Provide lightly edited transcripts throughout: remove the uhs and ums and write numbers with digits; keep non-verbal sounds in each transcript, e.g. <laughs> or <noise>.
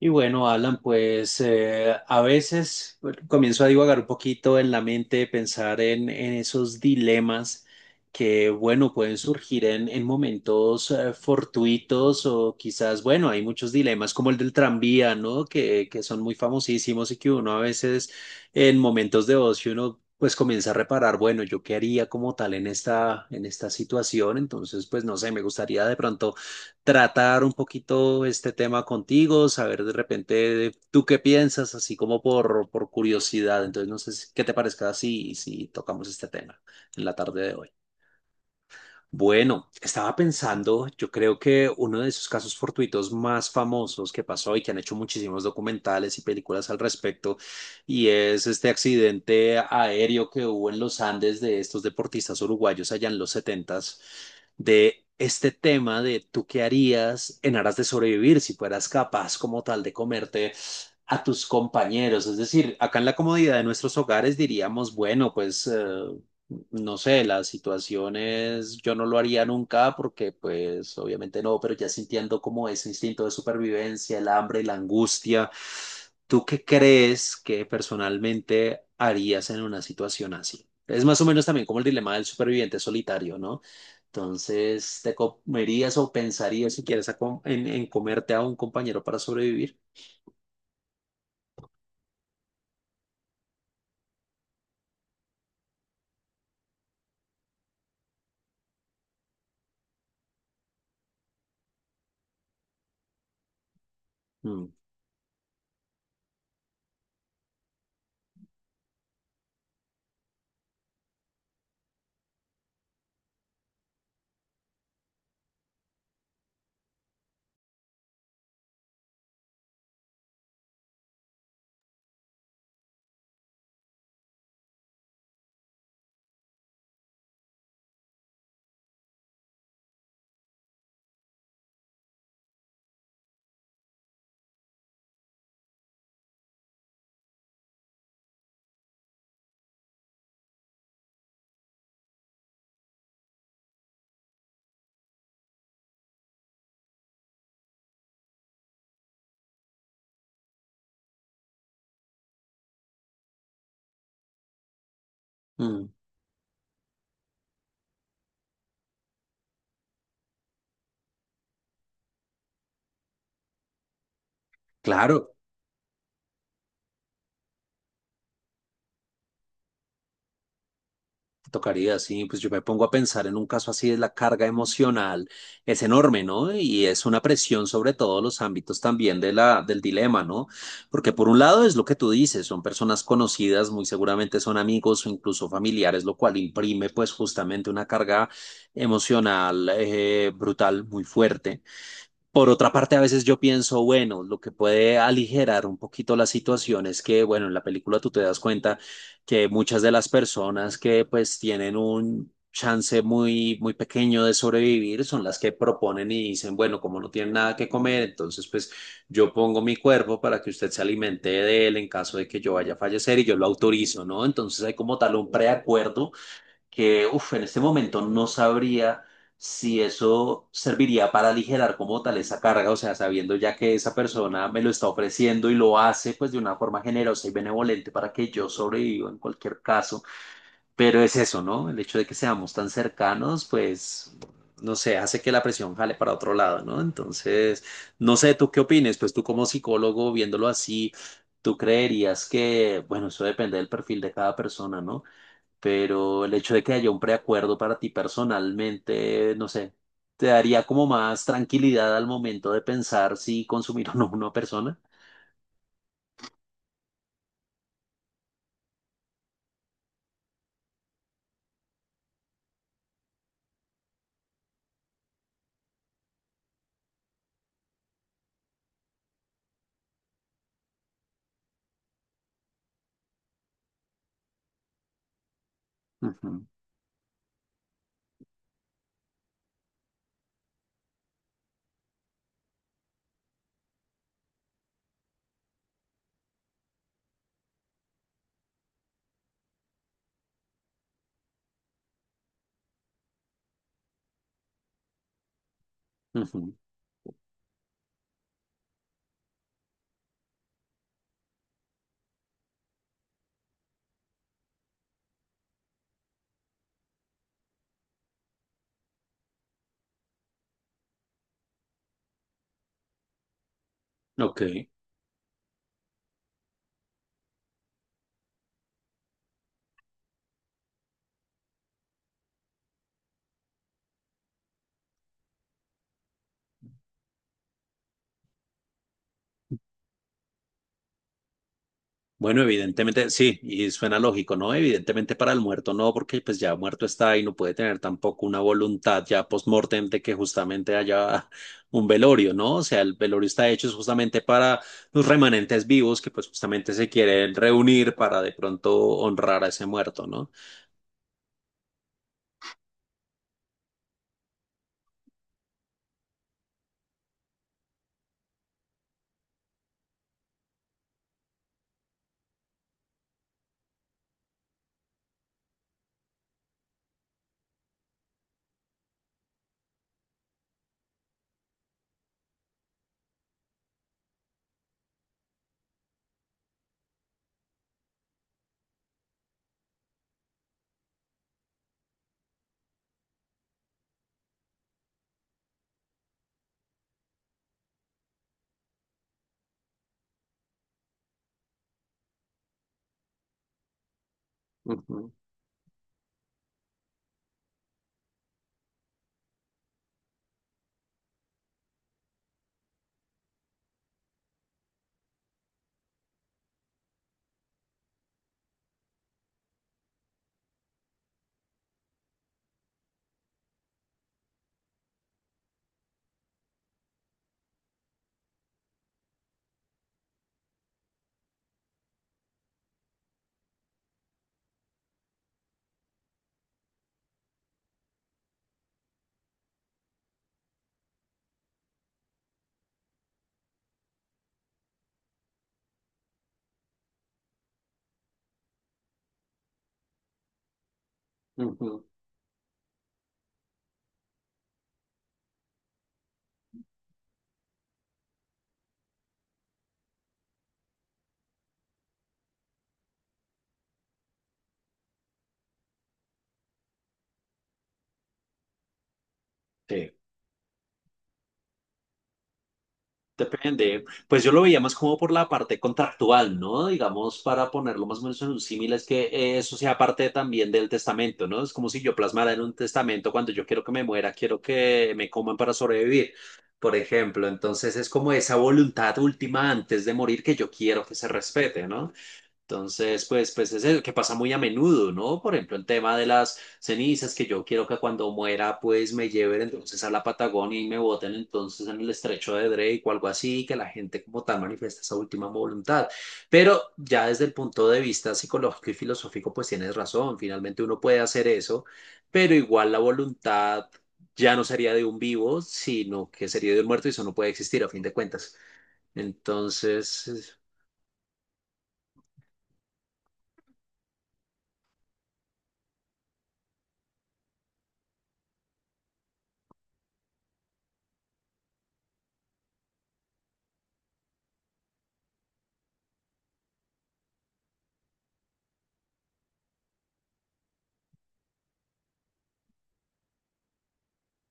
Y bueno, Alan, a veces bueno, comienzo a divagar un poquito en la mente, pensar en esos dilemas que, bueno, pueden surgir en momentos fortuitos o quizás, bueno, hay muchos dilemas como el del tranvía, ¿no? Que son muy famosísimos y que uno a veces en momentos de ocio uno pues comienza a reparar, bueno, ¿yo qué haría como tal en esta situación? Entonces, pues no sé, me gustaría de pronto tratar un poquito este tema contigo, saber de repente tú qué piensas, así como por curiosidad. Entonces, no sé si- qué te parezca si tocamos este tema en la tarde de hoy. Bueno, estaba pensando, yo creo que uno de esos casos fortuitos más famosos que pasó y que han hecho muchísimos documentales y películas al respecto, y es este accidente aéreo que hubo en los Andes de estos deportistas uruguayos allá en los setentas de este tema de tú qué harías en aras de sobrevivir si fueras capaz como tal de comerte a tus compañeros. Es decir, acá en la comodidad de nuestros hogares diríamos, bueno, no sé, las situaciones yo no lo haría nunca porque pues obviamente no, pero ya sintiendo como ese instinto de supervivencia, el hambre, la angustia, ¿tú qué crees que personalmente harías en una situación así? Es más o menos también como el dilema del superviviente solitario, ¿no? Entonces, ¿te comerías o pensarías si quieres en comerte a un compañero para sobrevivir? Mm, mm, claro. Tocaría, sí, pues yo me pongo a pensar en un caso así, es la carga emocional es enorme, ¿no? Y es una presión sobre todos los ámbitos también de la, del dilema, ¿no? Porque por un lado es lo que tú dices, son personas conocidas, muy seguramente son amigos o incluso familiares, lo cual imprime pues justamente una carga emocional brutal, muy fuerte. Por otra parte, a veces yo pienso, bueno, lo que puede aligerar un poquito la situación es que, bueno, en la película tú te das cuenta que muchas de las personas que pues tienen un chance muy, muy pequeño de sobrevivir son las que proponen y dicen, bueno, como no tienen nada que comer, entonces pues yo pongo mi cuerpo para que usted se alimente de él en caso de que yo vaya a fallecer y yo lo autorizo, ¿no? Entonces hay como tal un preacuerdo que, uff, en este momento no sabría si eso serviría para aligerar como tal esa carga, o sea, sabiendo ya que esa persona me lo está ofreciendo y lo hace pues de una forma generosa y benevolente para que yo sobreviva en cualquier caso pero es eso, ¿no? El hecho de que seamos tan cercanos, pues, no sé, hace que la presión jale para otro lado, ¿no? Entonces, no sé, ¿tú qué opines? Pues tú como psicólogo, viéndolo así, tú creerías que, bueno, eso depende del perfil de cada persona, ¿no? Pero el hecho de que haya un preacuerdo para ti personalmente, no sé, ¿te daría como más tranquilidad al momento de pensar si consumir <laughs> o no una persona? Ujú, ujú. Ok. Bueno, evidentemente sí, y suena lógico, ¿no? Evidentemente para el muerto no, porque pues ya muerto está y no puede tener tampoco una voluntad ya post-mortem de que justamente haya <laughs> un velorio, ¿no? O sea, el velorio está hecho es justamente para los remanentes vivos que pues justamente se quieren reunir para de pronto honrar a ese muerto, ¿no? Ujú, ujú. Sí. Depende. Pues yo lo veía más como por la parte contractual, ¿no? Digamos, para ponerlo más o menos en un símil, es que eso sea parte también del testamento, ¿no? Es como si yo plasmara en un testamento cuando yo quiero que me muera, quiero que me coman para sobrevivir, por ejemplo. Entonces es como esa voluntad última antes de morir que yo quiero que se respete, ¿no? Entonces, pues es el que pasa muy a menudo, ¿no? Por ejemplo, el tema de las cenizas, que yo quiero que cuando muera, pues me lleven entonces a la Patagonia y me boten entonces en el estrecho de Drake o algo así, que la gente como tal manifiesta esa última voluntad. Pero ya desde el punto de vista psicológico y filosófico, pues tienes razón, finalmente uno puede hacer eso, pero igual la voluntad ya no sería de un vivo, sino que sería de un muerto y eso no puede existir a fin de cuentas. Entonces...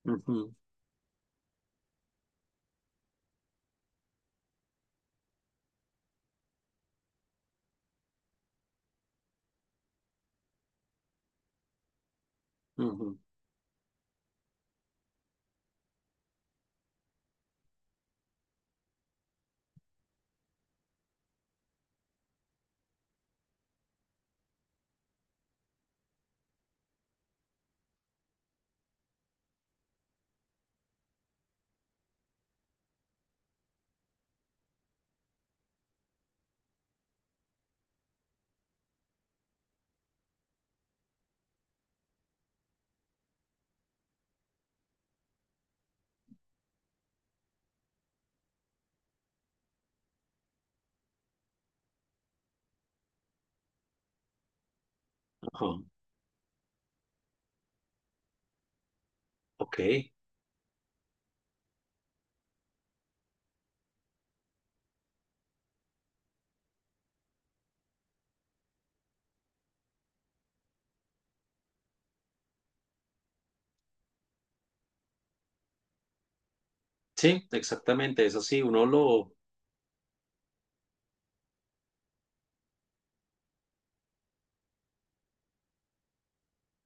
ujú, ujú, ajá. Ok, sí, exactamente, es así, uno lo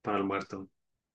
para el muerto.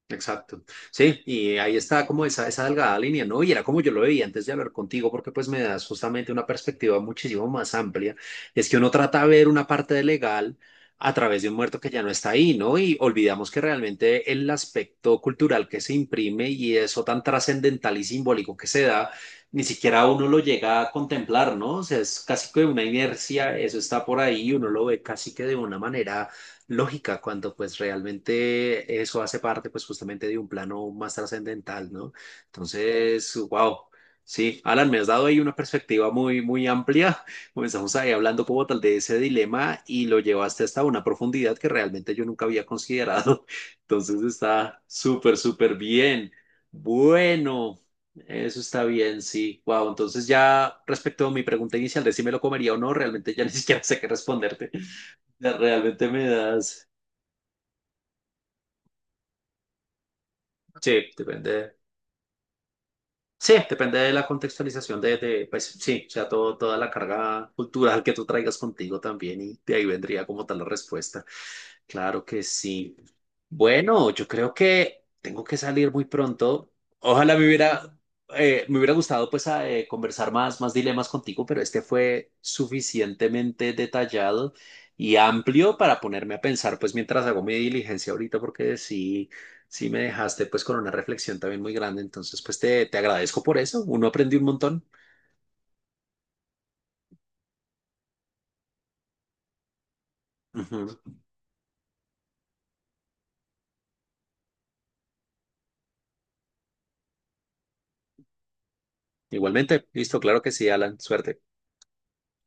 Exacto. Sí, y ahí está como esa delgada línea, ¿no? Y era como yo lo veía antes de hablar contigo, porque pues me das justamente una perspectiva muchísimo más amplia. Es que uno trata de ver una parte de legal a través de un muerto que ya no está ahí, ¿no? Y olvidamos que realmente el aspecto cultural que se imprime y eso tan trascendental y simbólico que se da, ni siquiera uno lo llega a contemplar, ¿no? O sea, es casi que una inercia, eso está por ahí, uno lo ve casi que de una manera lógica cuando pues realmente eso hace parte pues justamente de un plano más trascendental, ¿no? Entonces, wow. Sí, Alan, me has dado ahí una perspectiva muy, muy amplia. <laughs> Comenzamos ahí hablando como tal de ese dilema y lo llevaste hasta una profundidad que realmente yo nunca había considerado. <laughs> Entonces está súper, súper bien. Bueno, eso está bien, sí. Wow, entonces ya respecto a mi pregunta inicial de si me lo comería o no, realmente ya <laughs> ni siquiera sé qué responderte. Ya Realmente me das, Sí, depende. Sí, depende de la contextualización pues sí, o sea, todo, toda la carga cultural que tú traigas contigo también y de ahí vendría como tal la respuesta. Claro que sí. Bueno, yo creo que tengo que salir muy pronto. Ojalá me hubiera gustado pues conversar más, más dilemas contigo, pero este fue suficientemente detallado y amplio para ponerme a pensar pues mientras hago mi diligencia ahorita, porque sí. Sí, me dejaste pues con una reflexión también muy grande, entonces pues te agradezco por eso, uno aprendió un montón. Ujú. Igualmente, listo, claro que sí, Alan, suerte.